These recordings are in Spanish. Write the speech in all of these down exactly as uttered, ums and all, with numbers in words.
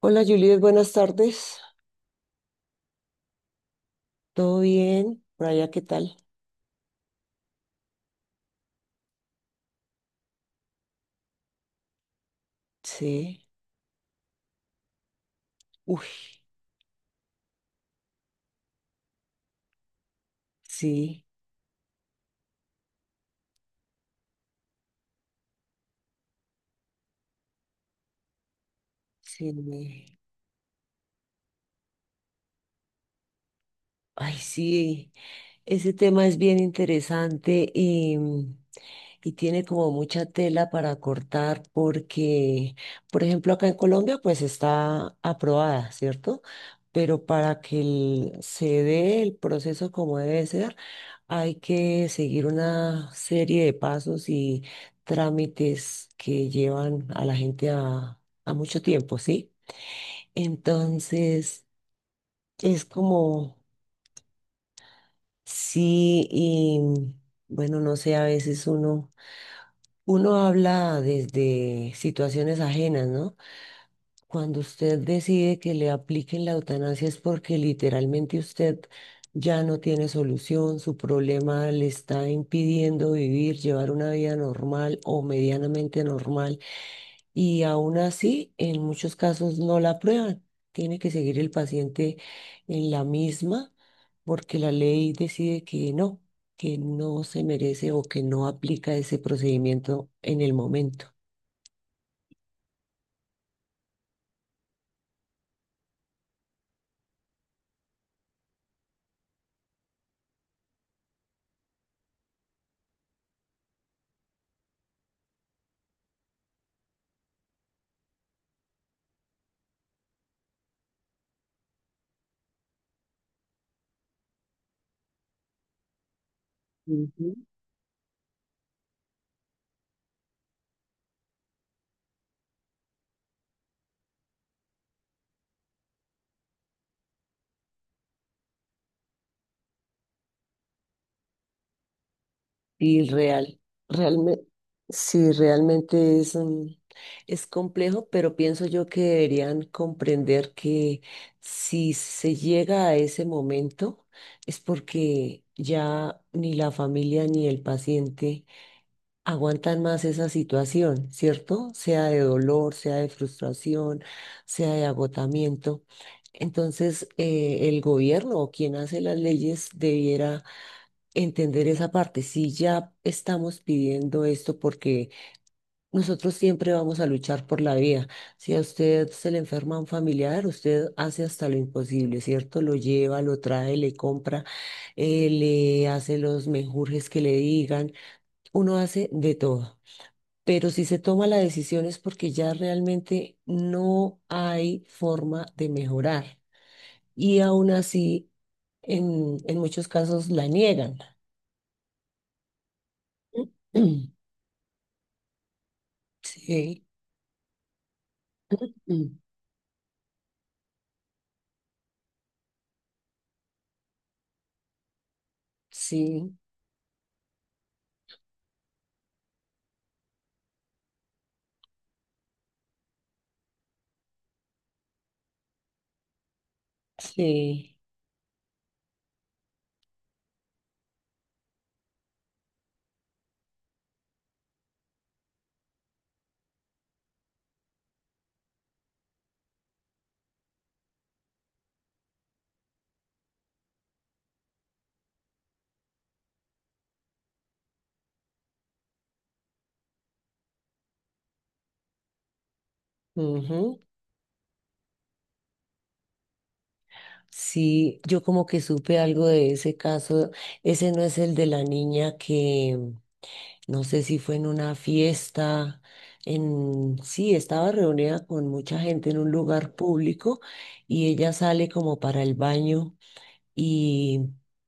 Hola Juliet, buenas tardes. ¿Todo bien? Raya, ¿qué tal? Sí. Uy, sí, sí. me- Ay, sí. Ese tema es bien interesante y, y tiene como mucha tela para cortar porque, por ejemplo, acá en Colombia pues está aprobada, ¿cierto? Pero para que el- se dé el proceso como debe ser, hay que seguir una serie de pasos y trámites que llevan a la gente a, a mucho tiempo, ¿sí? Entonces, es como, sí, y bueno, no sé, a veces uno uno habla desde situaciones ajenas, ¿no? Cuando usted decide que le apliquen la eutanasia es porque literalmente usted ya no tiene solución, su problema le está impidiendo vivir, llevar una vida normal o medianamente normal, y aún así en muchos casos no la aprueban. Tiene que seguir el paciente en la misma porque la ley decide que no, que no se merece o que no aplica ese procedimiento en el momento. Ujú. Y real, realmente, sí, realmente es, mm, es complejo, pero pienso yo que deberían comprender que si se llega a ese momento es porque ya ni la familia ni el paciente aguantan más esa situación, ¿cierto? Sea de dolor, sea de frustración, sea de agotamiento. Entonces, eh, el gobierno o quien hace las leyes debiera entender esa parte. Si ya estamos pidiendo esto, porque nosotros siempre vamos a luchar por la vida. Si a usted se le enferma un familiar, usted hace hasta lo imposible, ¿cierto? Lo lleva, lo trae, le compra, eh, le hace los menjurjes que le digan. Uno hace de todo. Pero si se toma la decisión es porque ya realmente no hay forma de mejorar. Y aún así, en, en muchos casos la niegan. Sí. Mm, sí, sí. Ujú. Sí, yo como que supe algo de ese caso. Ese no es el de la niña que no sé si fue en una fiesta, en sí, estaba reunida con mucha gente en un lugar público y ella sale como para el baño y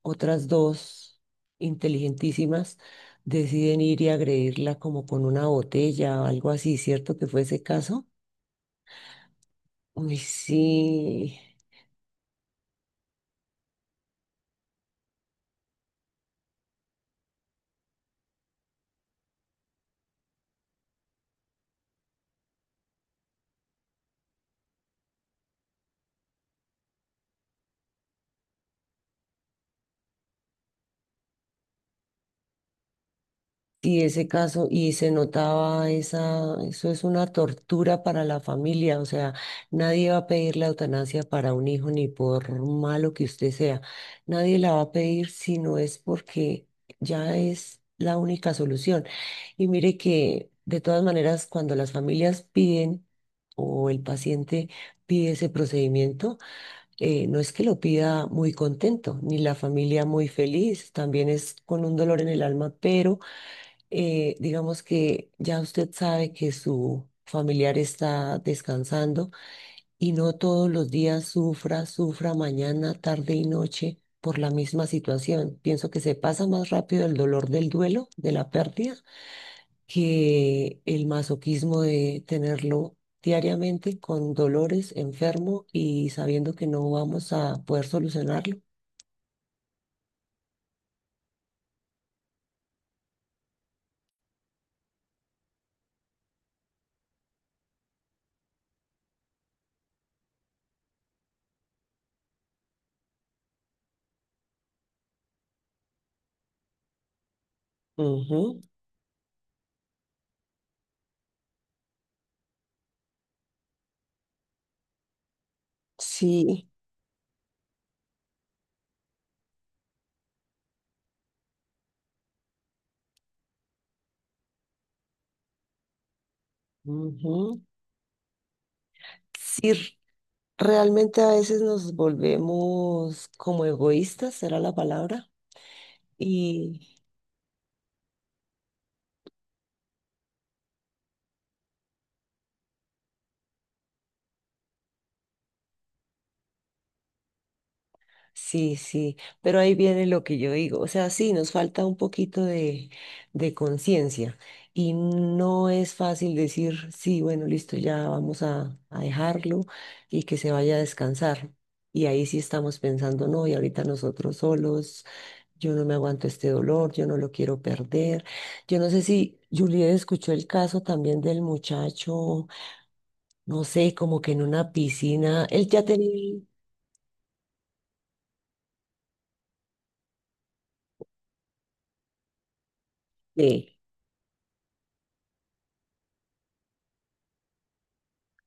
otras dos inteligentísimas deciden ir y agredirla como con una botella o algo así, ¿cierto que fue ese caso? Uy, sí. Y ese caso, y se notaba esa, eso es una tortura para la familia, o sea, nadie va a pedir la eutanasia para un hijo, ni por malo que usted sea, nadie la va a pedir si no es porque ya es la única solución. Y mire que de todas maneras, cuando las familias piden o el paciente pide ese procedimiento, eh, no es que lo pida muy contento, ni la familia muy feliz, también es con un dolor en el alma, pero eh, digamos que ya usted sabe que su familiar está descansando y no todos los días sufra, sufra mañana, tarde y noche por la misma situación. Pienso que se pasa más rápido el dolor del duelo, de la pérdida, que el masoquismo de tenerlo diariamente con dolores, enfermo y sabiendo que no vamos a poder solucionarlo. Ujú, sí. Ujú. Sí, realmente a veces nos volvemos como egoístas, será la palabra, y, sí, sí, pero ahí viene lo que yo digo. O sea, sí, nos falta un poquito de, de conciencia y no es fácil decir, sí, bueno, listo, ya vamos a, a dejarlo y que se vaya a descansar. Y ahí sí estamos pensando, no, y ahorita nosotros solos, yo no me aguanto este dolor, yo no lo quiero perder. Yo no sé si Juliet escuchó el caso también del muchacho, no sé, como que en una piscina, él ya tenía... sí.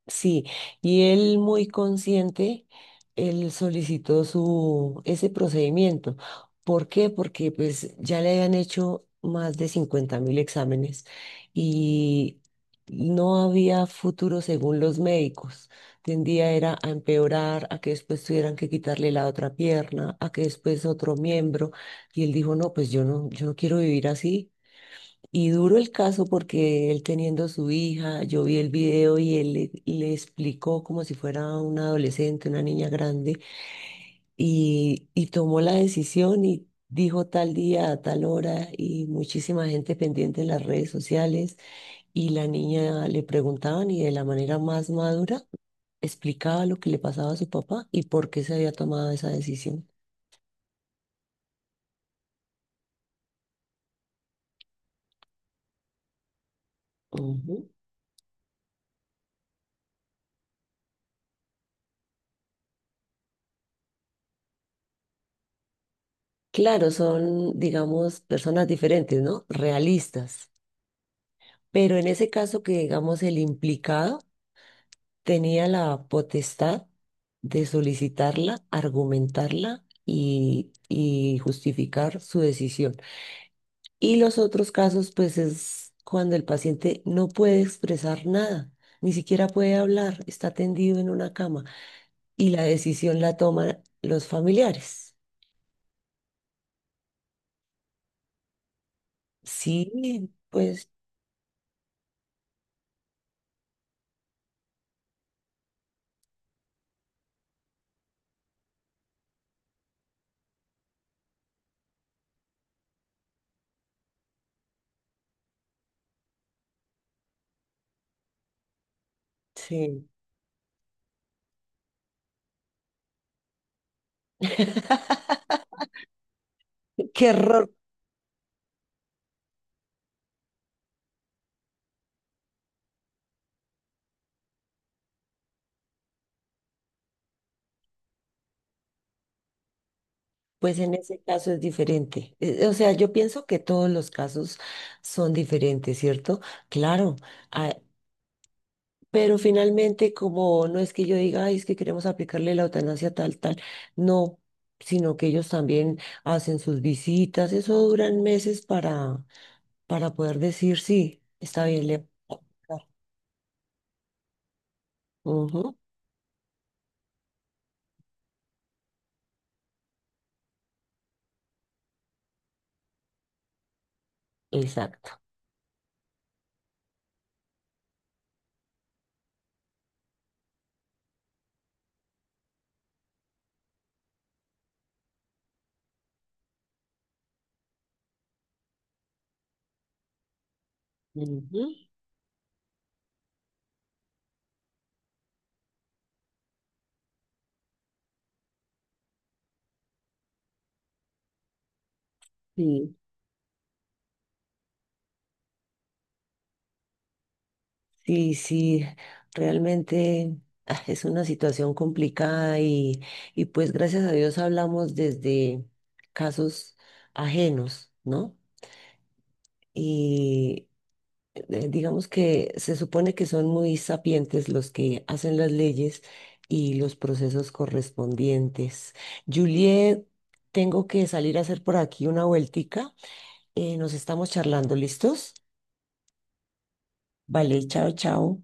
Sí, y él muy consciente, él solicitó su, ese procedimiento. ¿Por qué? Porque pues ya le habían hecho más de cincuenta mil exámenes y no había futuro según los médicos. Tendía era a empeorar, a que después tuvieran que quitarle la otra pierna, a que después otro miembro. Y él dijo, no, pues yo no, yo no quiero vivir así. Y duro el caso porque él teniendo su hija, yo vi el video y él le, le explicó como si fuera una adolescente, una niña grande, y, y tomó la decisión y dijo tal día, a tal hora, y muchísima gente pendiente en las redes sociales, y la niña le preguntaban y de la manera más madura explicaba lo que le pasaba a su papá y por qué se había tomado esa decisión. Ujú. Claro, son, digamos, personas diferentes, ¿no? Realistas. Pero en ese caso que, digamos, el implicado tenía la potestad de solicitarla, argumentarla y, y justificar su decisión. Y los otros casos, pues, es cuando el paciente no puede expresar nada, ni siquiera puede hablar, está tendido en una cama y la decisión la toman los familiares. Sí, pues, sí. Qué error. Pues en ese caso es diferente. Eh, O sea, yo pienso que todos los casos son diferentes, ¿cierto? Claro, ah, pero finalmente como no es que yo diga, ay, es que queremos aplicarle la eutanasia tal, tal, no, sino que ellos también hacen sus visitas, eso duran meses para, para poder decir, sí, está bien, le voy a aplicar". Ujú, exacto. Ujú, sí. Sí, sí, realmente ah, es una situación complicada y, y pues gracias a Dios hablamos desde casos ajenos, ¿no? Y eh, digamos que se supone que son muy sapientes los que hacen las leyes y los procesos correspondientes. Juliet, tengo que salir a hacer por aquí una vueltica. Eh, nos estamos charlando, ¿listos? Vale, chao, chao.